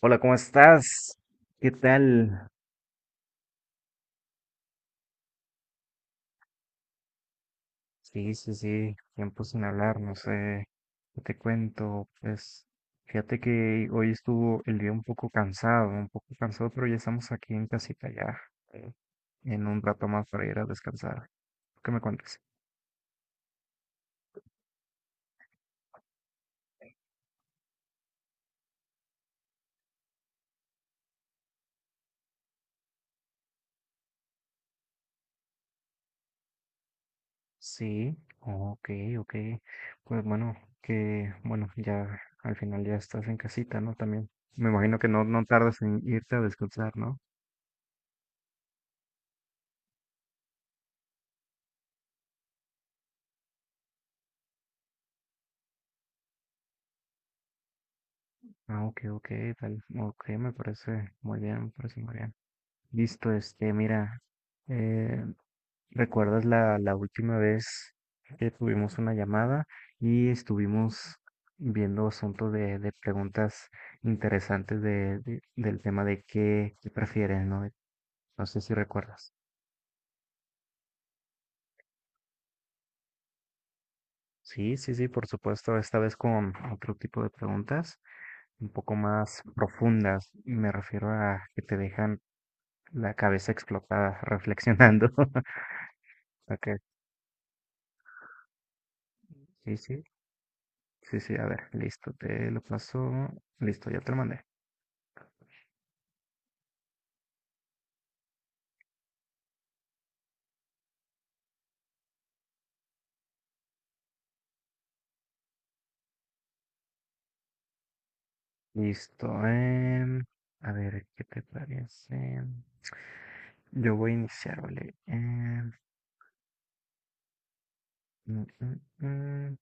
Hola, ¿cómo estás? ¿Qué tal? Sí, sí, sí, tiempo sin hablar, no sé, ¿qué te cuento? Pues fíjate que hoy estuvo el día un poco cansado, pero ya estamos aquí en casita ya, eh, en un rato más para ir a descansar. ¿Qué me cuentas? Sí, ok, ok. Pues bueno, que bueno, ya al final ya estás en casita, ¿no? También me imagino que no, no tardas en irte a descansar, ¿no? Ah, ok, ok, tal, ok, me parece muy bien, me parece muy bien. Listo, este, mira, eh, ¿recuerdas la última vez que tuvimos una llamada y estuvimos viendo asuntos de preguntas interesantes del tema de qué prefieres, ¿no? No sé si recuerdas. Sí, sí, sí, por supuesto, esta vez con otro tipo de preguntas, un poco más profundas, y me refiero a que te dejan la cabeza explotada, reflexionando. Ok, sí, sí, sí, sí, a ver, listo, te lo paso. Listo, ya te lo mandé. Listo, a ver, ¿qué te parece? Yo voy a iniciar, ¿vale? Mm, mm, mm.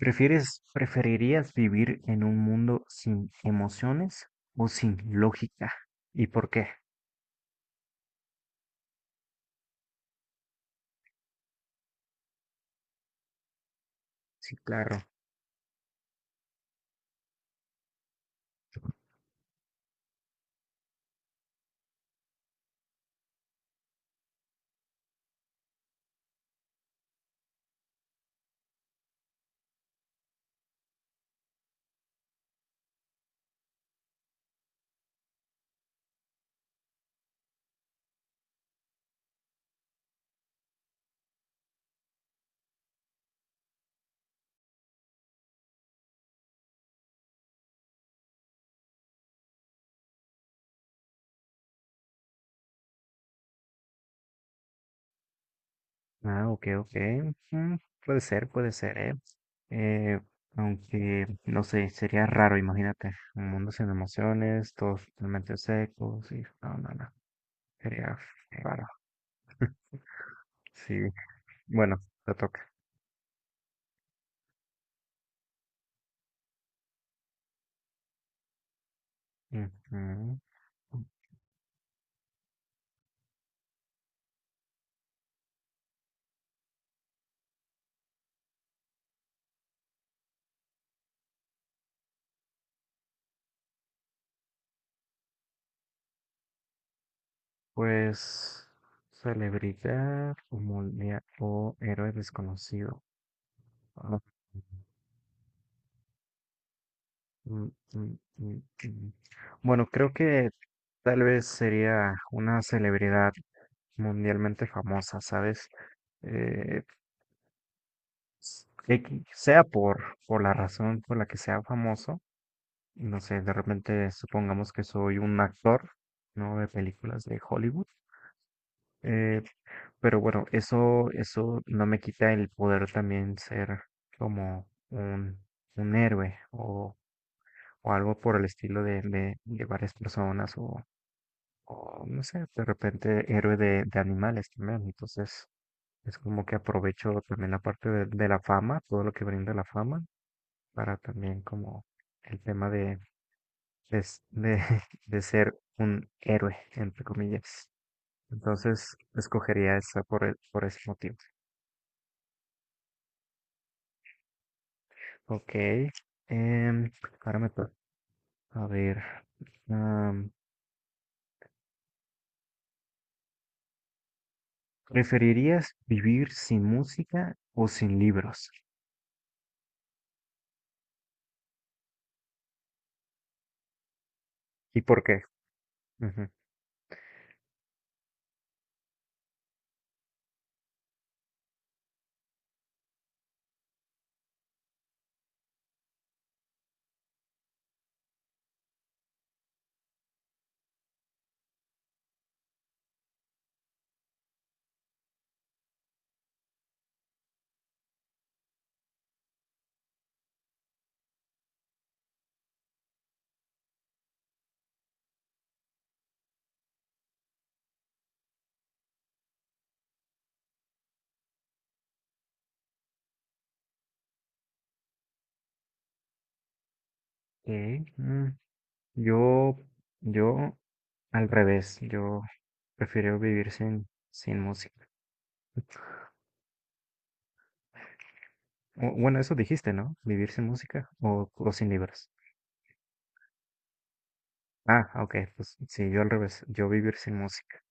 ¿Preferirías vivir en un mundo sin emociones o sin lógica? ¿Y por qué? Sí, claro. Ah, ok, ok. Mm, puede ser, ¿eh? Eh, aunque, no sé, sería raro, imagínate, un mundo sin emociones, todos totalmente secos, y no, no, no, sería raro. Sí, bueno, te toca. Ujú. Pues, celebridad o, o héroe desconocido. Mm, mm, mm, mm. Bueno, creo que tal vez sería una celebridad mundialmente famosa, ¿sabes? Eh, sea por, la razón por la que sea famoso, no sé, de repente supongamos que soy un actor, ¿no? De películas de Hollywood. eh, pero bueno, eso no me quita el poder también ser como un héroe o algo por el estilo de, de varias personas o, no sé, de repente héroe de animales también. Entonces es como que aprovecho también la parte de la fama, todo lo que brinda la fama, para también como el tema de, de, de, de ser un héroe, entre comillas. Entonces escogería esa por, por ese motivo. Ok. em, ahora me toca. A ver. am, ¿preferirías vivir sin música o sin libros? ¿Y por qué? Ujú. Eh, mm, Yo, yo, al revés, yo prefiero vivir sin, música. Bueno, eso dijiste, ¿no? Vivir sin música o sin libros. Ah, ok, pues sí, yo al revés, yo vivir sin música.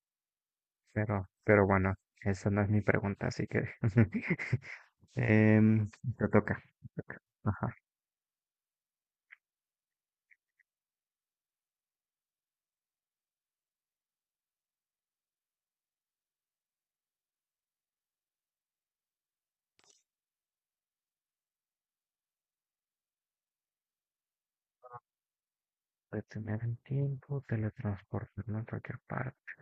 Pero bueno, esa no es mi pregunta, así que Em, te toca. Te toca. Ajá. Detener el tiempo, teletransportarme a cualquier parte.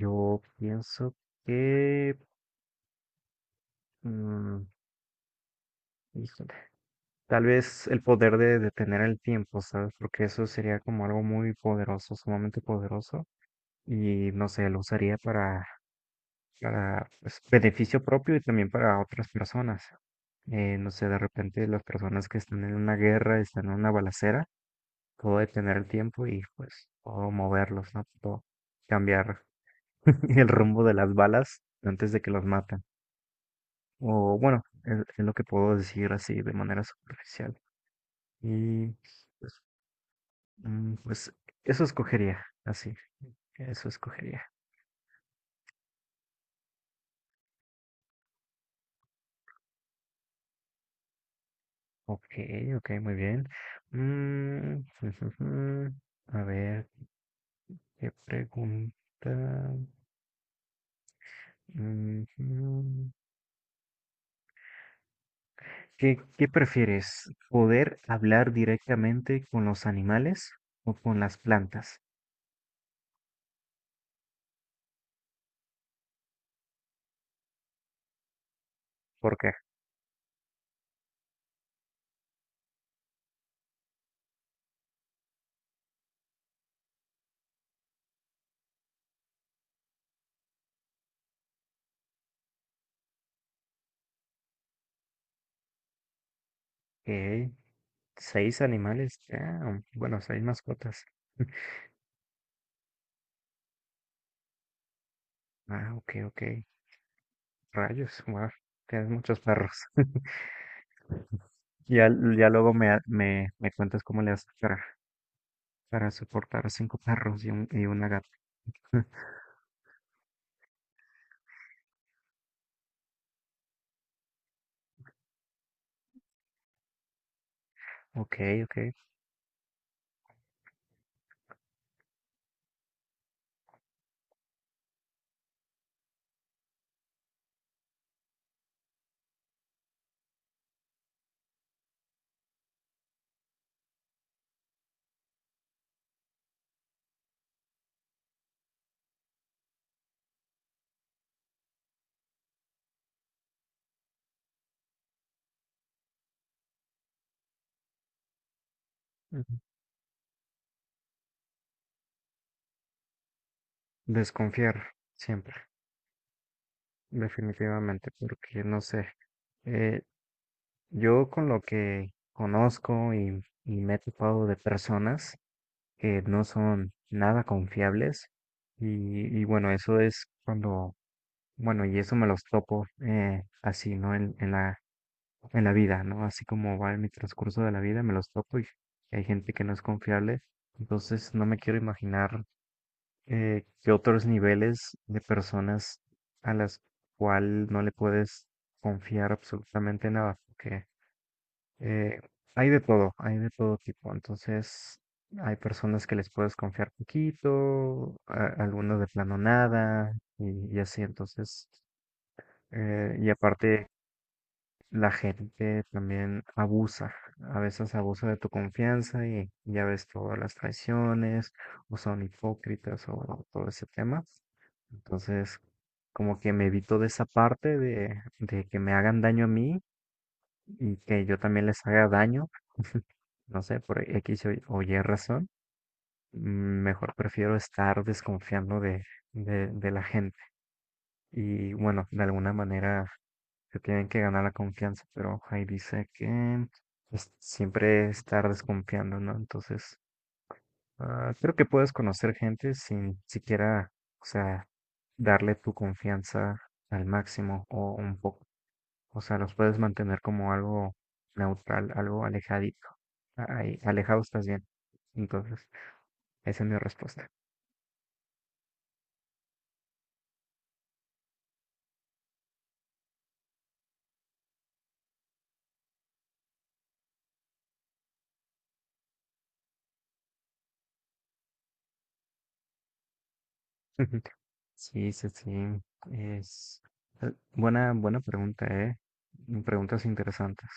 Yo pienso que mm, Híjole. Tal vez el poder de detener el tiempo, ¿sabes? Porque eso sería como algo muy poderoso, sumamente poderoso. Y no sé, lo usaría para, pues, beneficio propio y también para otras personas. No sé, de repente las personas que están en una guerra, están en una balacera, puedo detener el tiempo y pues puedo moverlos, ¿no? Puedo cambiar el rumbo de las balas antes de que los maten. O bueno, es lo que puedo decir así de manera superficial. Y pues, Mm, Pues eso escogería, así, eso escogería. Ok, ok, muy bien. Mm, A ver, ¿qué pregunta? Ujú. Qué prefieres? ¿Poder hablar directamente con los animales o con las plantas? Porque ok, seis animales, ah, bueno, seis mascotas. Ah, ok, ok. Rayos, wow, tienes muchos perros. Y ya, ya luego me cuentas cómo le haces para, soportar cinco perros y, y una gata. Ok, ok. Ujú. Desconfiar siempre, definitivamente, porque no sé. eh, yo con lo que conozco y me he topado de personas que no son nada confiables y bueno, eso es cuando, bueno, y eso me los topo así, ¿no? En la vida, ¿no? Así como va en mi transcurso de la vida, me los topo y hay gente que no es confiable. Entonces, no me quiero imaginar qué otros niveles de personas a las cual no le puedes confiar absolutamente nada, porque eh, hay de todo tipo. Entonces, hay personas que les puedes confiar poquito, algunas de plano nada, y así. Entonces, y aparte la gente también abusa, a veces abusa de tu confianza y ya ves todas las traiciones, o son hipócritas, o bueno, todo ese tema. Entonces, como que me evito de esa parte de, que me hagan daño a mí y que yo también les haga daño, no sé, por X o Y razón. Mejor prefiero estar desconfiando de la gente. Y bueno, de alguna manera se tienen que ganar la confianza, pero ahí dice que pues, siempre estar desconfiando, ¿no? Entonces, ah, creo que puedes conocer gente sin siquiera, o sea, darle tu confianza al máximo o un poco. O sea, los puedes mantener como algo neutral, algo alejadito. Ahí, alejados estás bien. Entonces, esa es mi respuesta. Sí, sí, sí. Es buena, buena pregunta, ¿eh? Preguntas interesantes.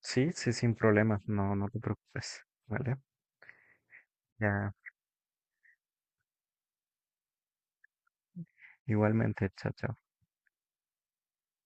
Sí, sí, sin problemas. No, no te preocupes. ¿Vale? Ya, igualmente, chao, chao.